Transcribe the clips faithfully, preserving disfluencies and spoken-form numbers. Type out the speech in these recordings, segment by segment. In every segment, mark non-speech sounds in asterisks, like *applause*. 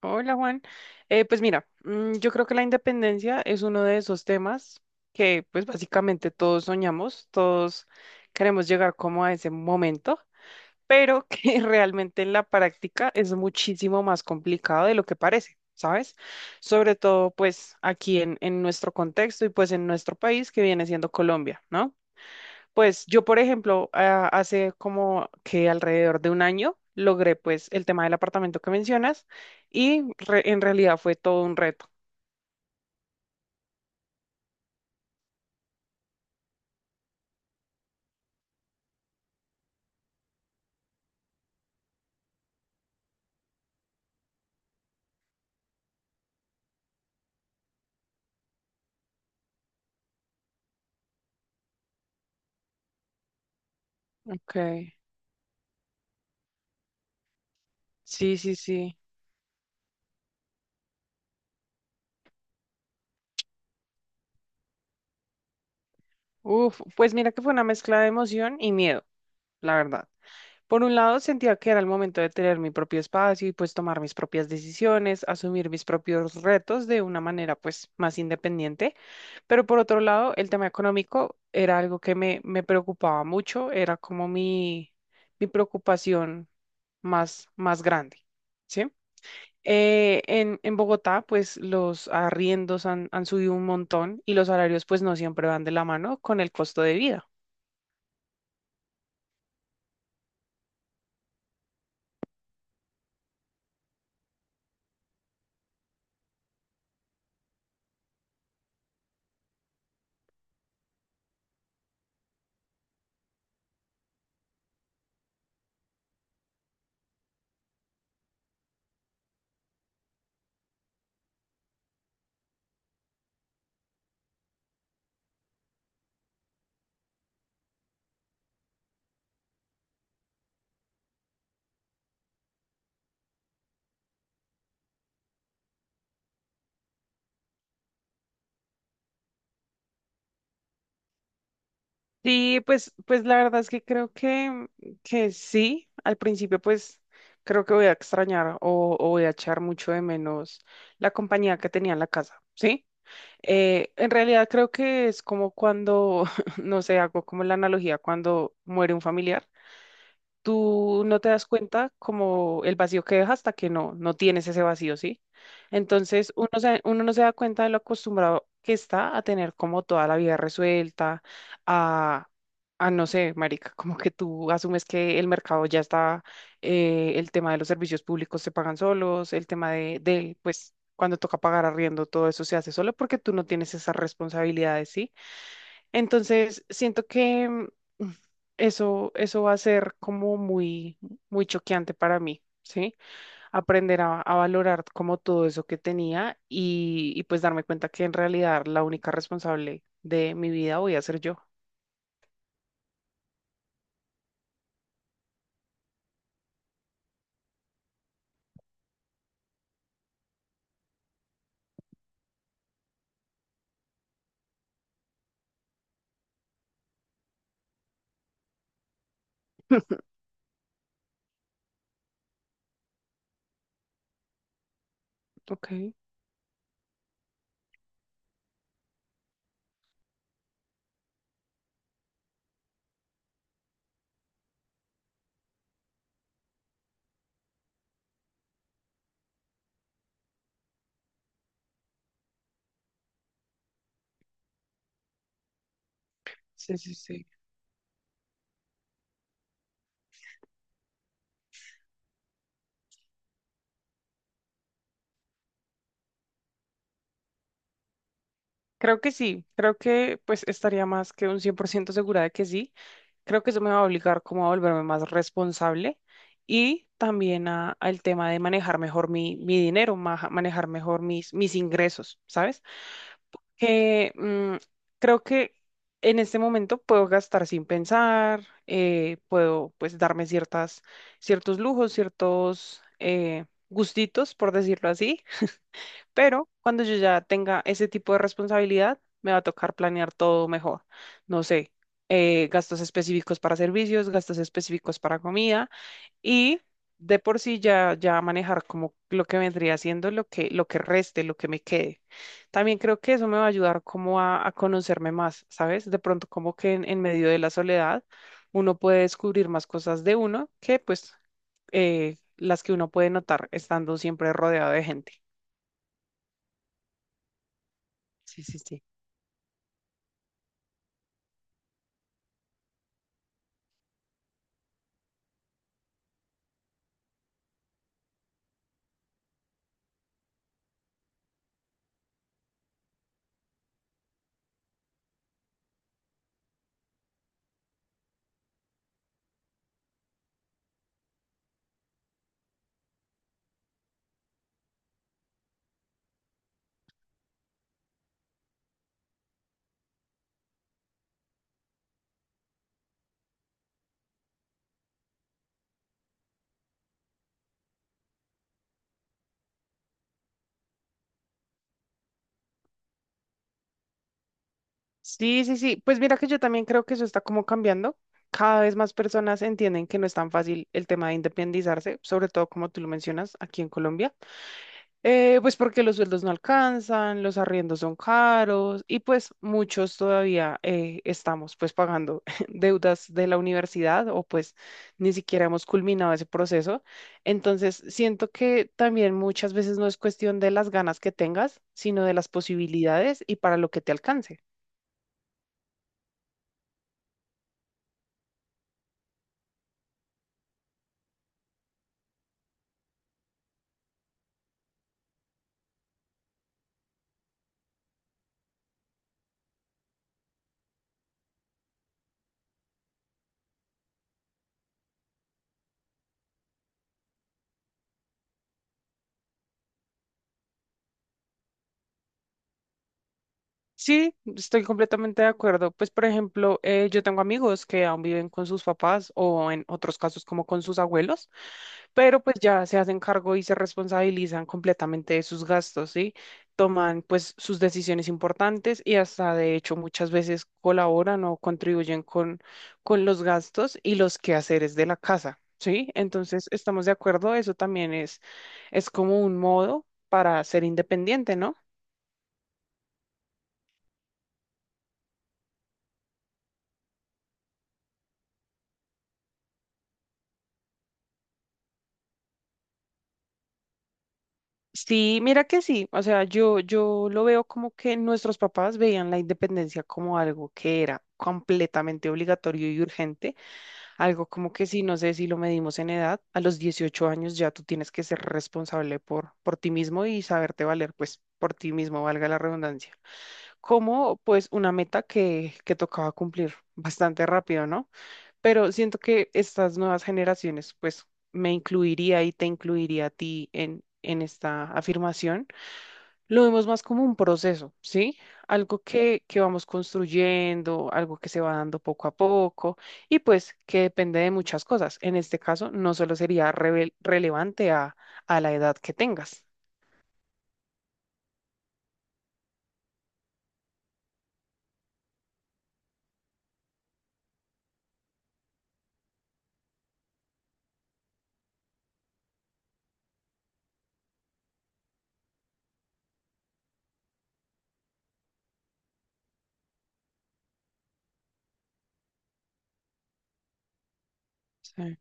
Hola Juan. Eh, pues mira, mm, yo creo que la independencia es uno de esos temas que pues básicamente todos soñamos, todos queremos llegar como a ese momento, pero que *laughs* realmente en la práctica es muchísimo más complicado de lo que parece, ¿sabes? Sobre todo pues aquí en, en nuestro contexto y pues en nuestro país que viene siendo Colombia, ¿no? Pues yo, por ejemplo, a- hace como que alrededor de un año logré pues el tema del apartamento que mencionas y re- en realidad fue todo un reto. Okay. Sí, sí, sí. Uf, pues mira que fue una mezcla de emoción y miedo, la verdad. Por un lado, sentía que era el momento de tener mi propio espacio y pues tomar mis propias decisiones, asumir mis propios retos de una manera pues más independiente. Pero por otro lado, el tema económico era algo que me, me preocupaba mucho, era como mi, mi preocupación más, más grande, ¿sí? Eh, en, en Bogotá, pues los arriendos han, han subido un montón y los salarios pues no siempre van de la mano con el costo de vida. Sí, pues, pues la verdad es que creo que, que sí. Al principio, pues creo que voy a extrañar o, o voy a echar mucho de menos la compañía que tenía en la casa, ¿sí? Eh, en realidad creo que es como cuando, *laughs* no sé, hago como la analogía cuando muere un familiar. Tú no te das cuenta como el vacío que deja hasta que no, no tienes ese vacío, ¿sí? Entonces uno, se- uno no se da cuenta de lo acostumbrado que está a tener como toda la vida resuelta, a, a no sé, marica, como que tú asumes que el mercado ya está, eh, el tema de los servicios públicos se pagan solos, el tema de, del, pues, cuando toca pagar arriendo, todo eso se hace solo porque tú no tienes esas responsabilidades, ¿sí? Entonces, siento que mm, eso, eso va a ser como muy, muy choqueante para mí, ¿sí? Aprender a, a valorar como todo eso que tenía y, y pues darme cuenta que en realidad la única responsable de mi vida voy a ser yo. Ok, sí, sí, sí. Creo que sí, creo que pues estaría más que un cien por ciento segura de que sí. Creo que eso me va a obligar como a volverme más responsable y también a, al tema de manejar mejor mi, mi dinero, maja- manejar mejor mis, mis ingresos, ¿sabes? Que mm, creo que en este momento puedo gastar sin pensar. Eh, puedo pues darme ciertas, ciertos lujos, ciertos eh, gustitos, por decirlo así, pero cuando yo ya tenga ese tipo de responsabilidad, me va a tocar planear todo mejor. No sé, eh, gastos específicos para servicios, gastos específicos para comida y de por sí ya, ya manejar como lo que vendría siendo lo que, lo que reste, lo que me quede. También creo que eso me va a ayudar como a, a conocerme más, ¿sabes? De pronto como que en, en medio de la soledad uno puede descubrir más cosas de uno que pues eh, las que uno puede notar estando siempre rodeado de gente. Sí, sí, sí. Sí, sí, sí. Pues mira que yo también creo que eso está como cambiando. Cada vez más personas entienden que no es tan fácil el tema de independizarse, sobre todo como tú lo mencionas aquí en Colombia. Eh, pues porque los sueldos no alcanzan, los arriendos son caros y pues muchos todavía eh, estamos pues pagando *laughs* deudas de la universidad o pues ni siquiera hemos culminado ese proceso. Entonces siento que también muchas veces no es cuestión de las ganas que tengas, sino de las posibilidades y para lo que te alcance. Sí, estoy completamente de acuerdo. Pues, por ejemplo, eh, yo tengo amigos que aún viven con sus papás o en otros casos como con sus abuelos, pero pues ya se hacen cargo y se responsabilizan completamente de sus gastos, ¿sí? Toman pues sus decisiones importantes y hasta de hecho muchas veces colaboran o contribuyen con, con los gastos y los quehaceres de la casa, ¿sí? Entonces, estamos de acuerdo, eso también es, es como un modo para ser independiente, ¿no? Sí, mira que sí, o sea, yo, yo lo veo como que nuestros papás veían la independencia como algo que era completamente obligatorio y urgente, algo como que si, no sé si lo medimos en edad, a los dieciocho años ya tú tienes que ser responsable por, por ti mismo y saberte valer, pues por ti mismo, valga la redundancia, como pues una meta que, que tocaba cumplir *laughs* bastante rápido, ¿no? Pero siento que estas nuevas generaciones, pues me incluiría y te incluiría a ti en, en esta afirmación lo vemos más como un proceso, ¿sí? Algo que, que vamos construyendo, algo que se va dando poco a poco y pues que depende de muchas cosas. En este caso, no solo sería revel- relevante a, a la edad que tengas. Sí,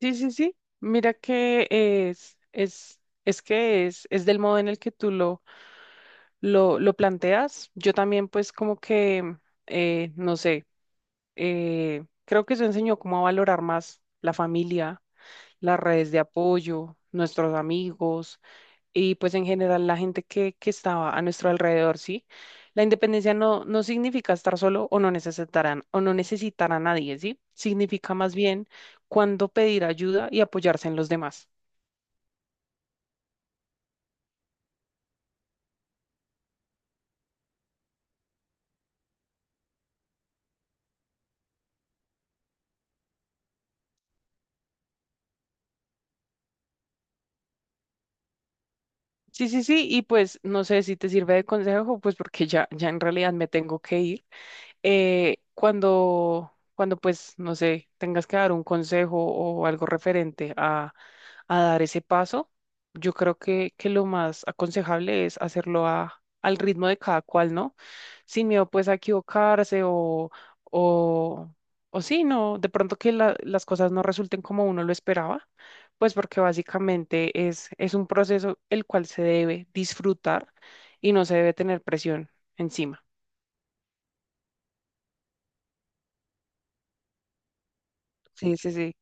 sí, sí. Sí. Mira que es, es, es que es, es del modo en el que tú lo, lo, lo planteas. Yo también pues como que, eh, no sé, eh, creo que eso enseñó cómo a valorar más la familia, las redes de apoyo, nuestros amigos y pues en general la gente que, que estaba a nuestro alrededor, ¿sí? La independencia no, no significa estar solo o no necesitarán o no necesitar a nadie, ¿sí? Significa más bien cuando pedir ayuda y apoyarse en los demás. Sí, sí, sí, y pues no sé si te sirve de consejo, pues porque ya, ya en realidad me tengo que ir. Eh, cuando, cuando pues, no sé, tengas que dar un consejo o algo referente a a dar ese paso, yo creo que, que lo más aconsejable es hacerlo a, al ritmo de cada cual, ¿no? Sin miedo pues a equivocarse o, o, o sí, no, de pronto que la- las cosas no resulten como uno lo esperaba, pues porque básicamente es, es un proceso el cual se debe disfrutar y no se debe tener presión encima. Sí, sí, sí,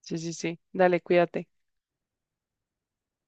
sí, sí, sí. Dale, cuídate.